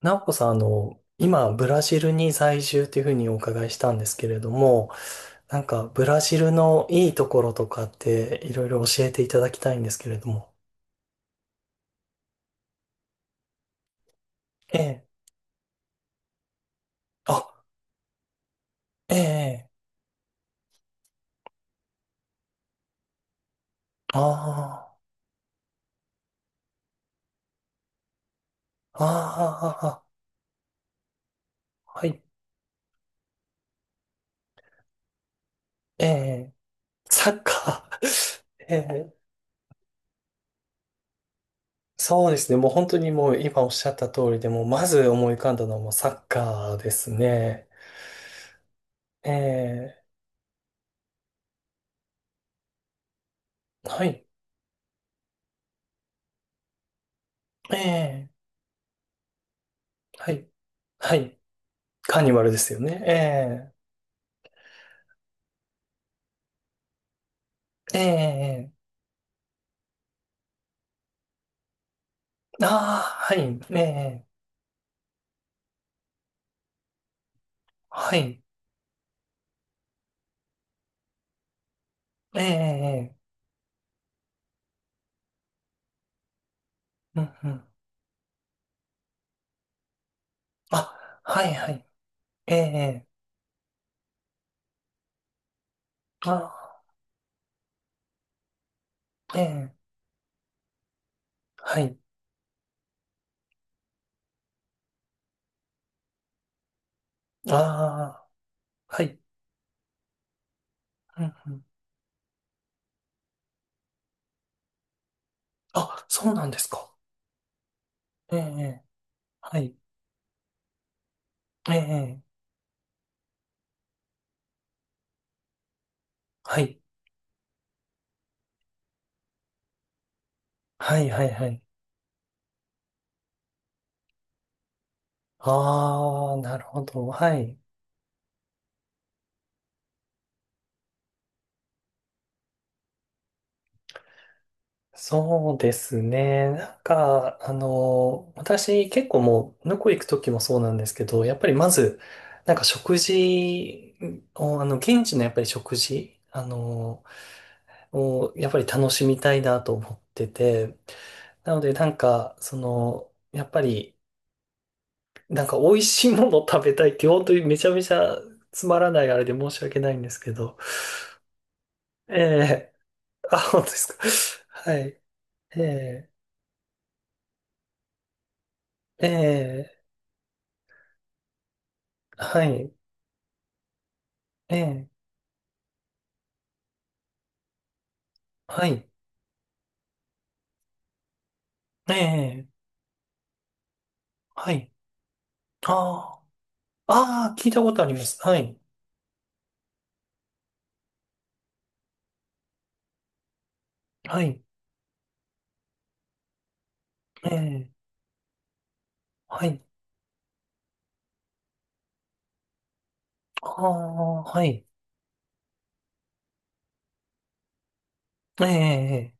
なおこさん、今、ブラジルに在住というふうにお伺いしたんですけれども、ブラジルのいいところとかって、いろいろ教えていただきたいんですけれども。ええ、あ、ええ、ああ、ああ、はい、ええ、サッカー。ええ、そうですね。もう本当にもう今おっしゃった通りで、もうまず思い浮かんだのはもうサッカーですね。ええ、はい、ええ、はい、はい。カーニバルですよね。ええ、ええ、ええ、ああ、はい、ええ、はい、ええ、ええ、うん、うん。あ、はい、はい、ええ、ああ、ええ、はい、ああ、はい、うん、うん。あ、そうなんですか。ええ、はい、ええ、はい、はい、はい、はい。ああ、なるほど、はい。そうですね。私結構もう、向こう行く時もそうなんですけど、やっぱりまず、なんか食事を、現地のやっぱり食事、をやっぱり楽しみたいなと思ってて、なのでなんか、その、やっぱり、なんか美味しいものを食べたいって、本当にめちゃめちゃつまらないあれで申し訳ないんですけど、ええ、あ、本当ですか。はい。ええ、ええ、はい。ええ、はい。ええ、はい。ああ、ああ、聞いたことあります。はい。はい。ええ、はい。ああ、はい。ええ、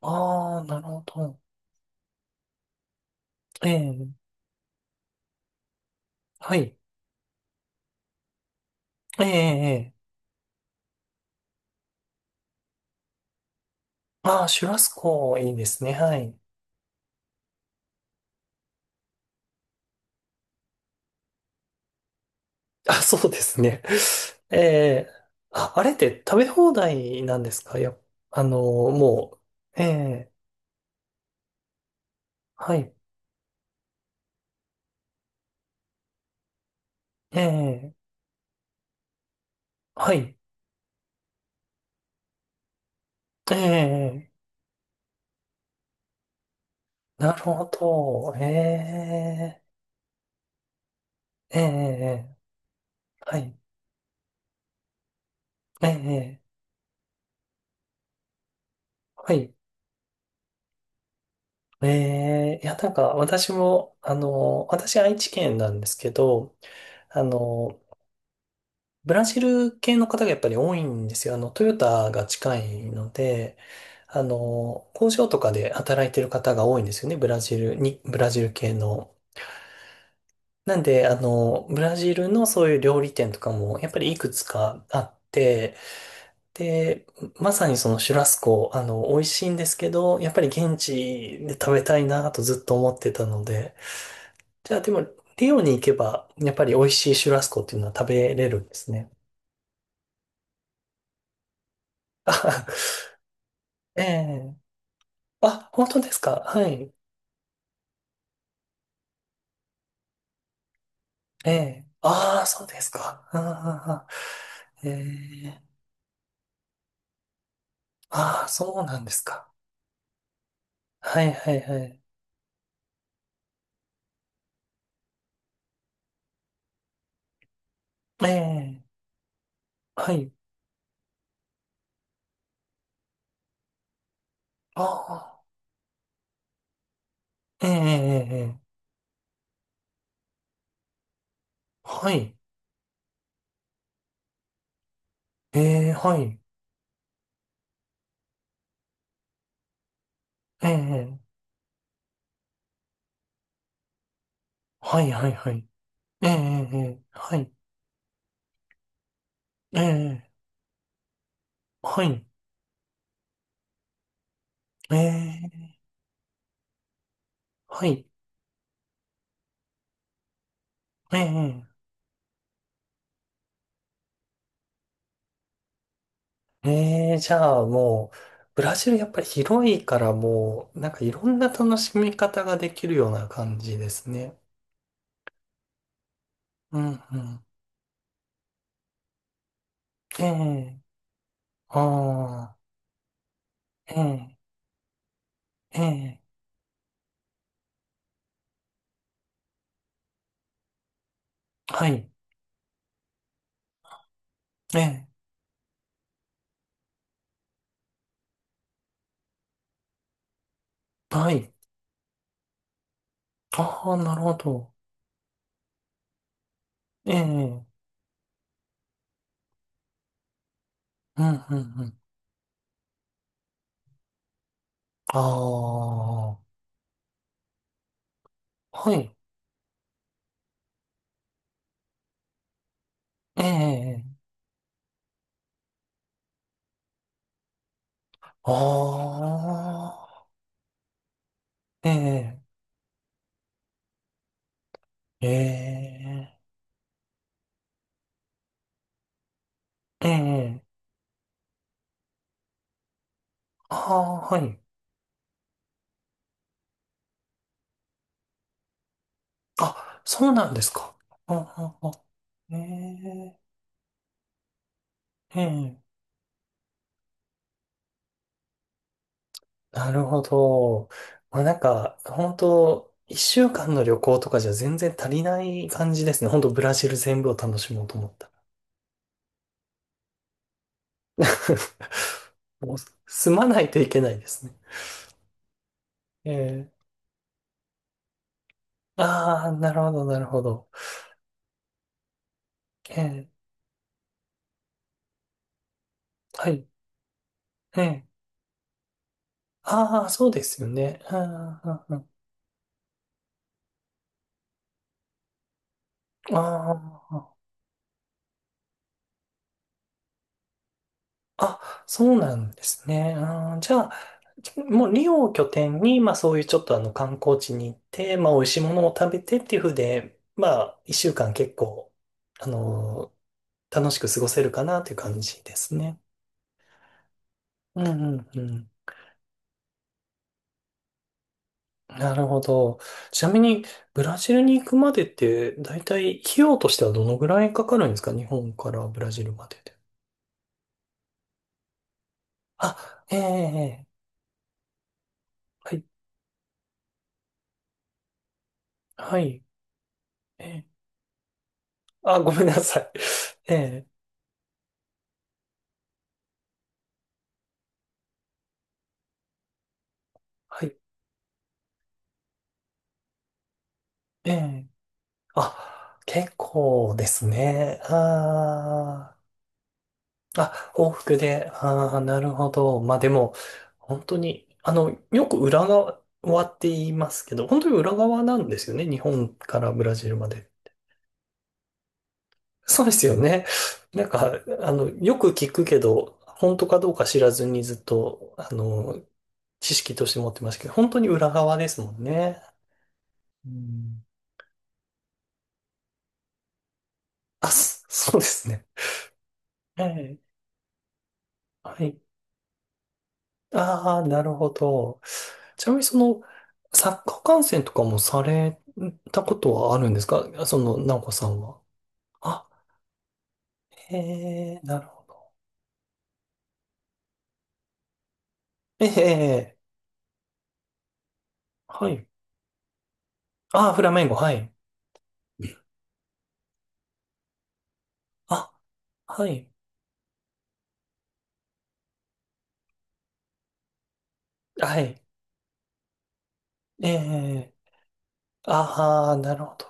ああ、なるほど。ええ、はい。ええ、ああ、シュラスコいいですね。はい。あ、そうですね。ええ、あ、あれって食べ放題なんですか？やもう。ええ、はい。ええ、はい。ええ、なるほど。ええ、ええ、はい。ええ、はい。ええ、いや、私も、私、愛知県なんですけど、あの、ブラジル系の方がやっぱり多いんですよ。トヨタが近いので、工場とかで働いてる方が多いんですよね、ブラジルに、ブラジル系の。なんで、ブラジルのそういう料理店とかも、やっぱりいくつかあって、で、まさにそのシュラスコ、美味しいんですけど、やっぱり現地で食べたいなとずっと思ってたので、じゃあでも、リオに行けば、やっぱり美味しいシュラスコっていうのは食べれるんですね。あ、ええ、あ、本当ですか？はい。ええ、ああ、そうですか。ああ、ええ、ああ、そうなんですか。はい、はい、はい。ええ、はい。ああ、ええ、ええ、ええ、はい。ええ、はい。ええ、はい、はい、はい。ええ、ええ、ええ、はい、ええ、はい、ええ、はい、ええ、ええ、じゃあもう、ブラジルやっぱり広いからもう、なんかいろんな楽しみ方ができるような感じですね。うん、うん、ええ、ああ、ええ、ええ、はい、ええ、はい、ああ、なるほど、ええ、うん、うん、うん、ああ、はい、ええ、ああ、ええ、ええ、ええ、ああ、はい。あ、そうなんですか。ああ、あ、ええ、ええ、なるほど。まあ、本当一週間の旅行とかじゃ全然足りない感じですね。本当ブラジル全部を楽しもうと思ったら。もう、住まないといけないですね。ええ、ああ、なるほど、なるほど。ええ、はい、ええ、ああ、そうですよね。ああ、ああ、あ、ああ、そうなんですね。あー、じゃあ、もうリオを拠点に、まあそういうちょっとあの観光地に行って、まあ美味しいものを食べてっていう風で、まあ一週間結構、あのー楽しく過ごせるかなという感じですね。うん、うん、うん。なるほど。ちなみに、ブラジルに行くまでって、だいたい費用としてはどのぐらいかかるんですか？日本からブラジルまでで。あ、ええ、ええ、はい、はい、ええ、あ、ごめんなさい。ええ、はい、ええ。あ、結構ですね。あー、あ、往復で、ああ、なるほど。まあでも、本当に、よく裏側って言いますけど、本当に裏側なんですよね。日本からブラジルまで。そうですよね。よく聞くけど、本当かどうか知らずにずっと、知識として持ってましたけど、本当に裏側ですもんね。うん、あ、そうですねええ。はい。ああ、なるほど。ちなみにその、サッカー観戦とかもされたことはあるんですか？その、直子さんは。あ、へえ、なるほど。ええ、はい。ああ、フラメンゴ、はい。あ、はい。はい。ええ、ああ、なるほど。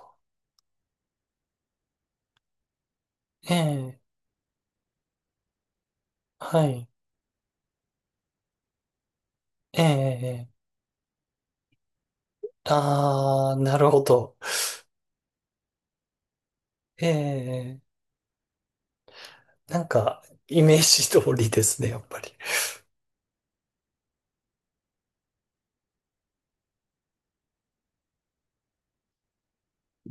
ええ、はい。ええ、ああ、なるほど。ええ、なんか、イメージ通りですね、やっぱり。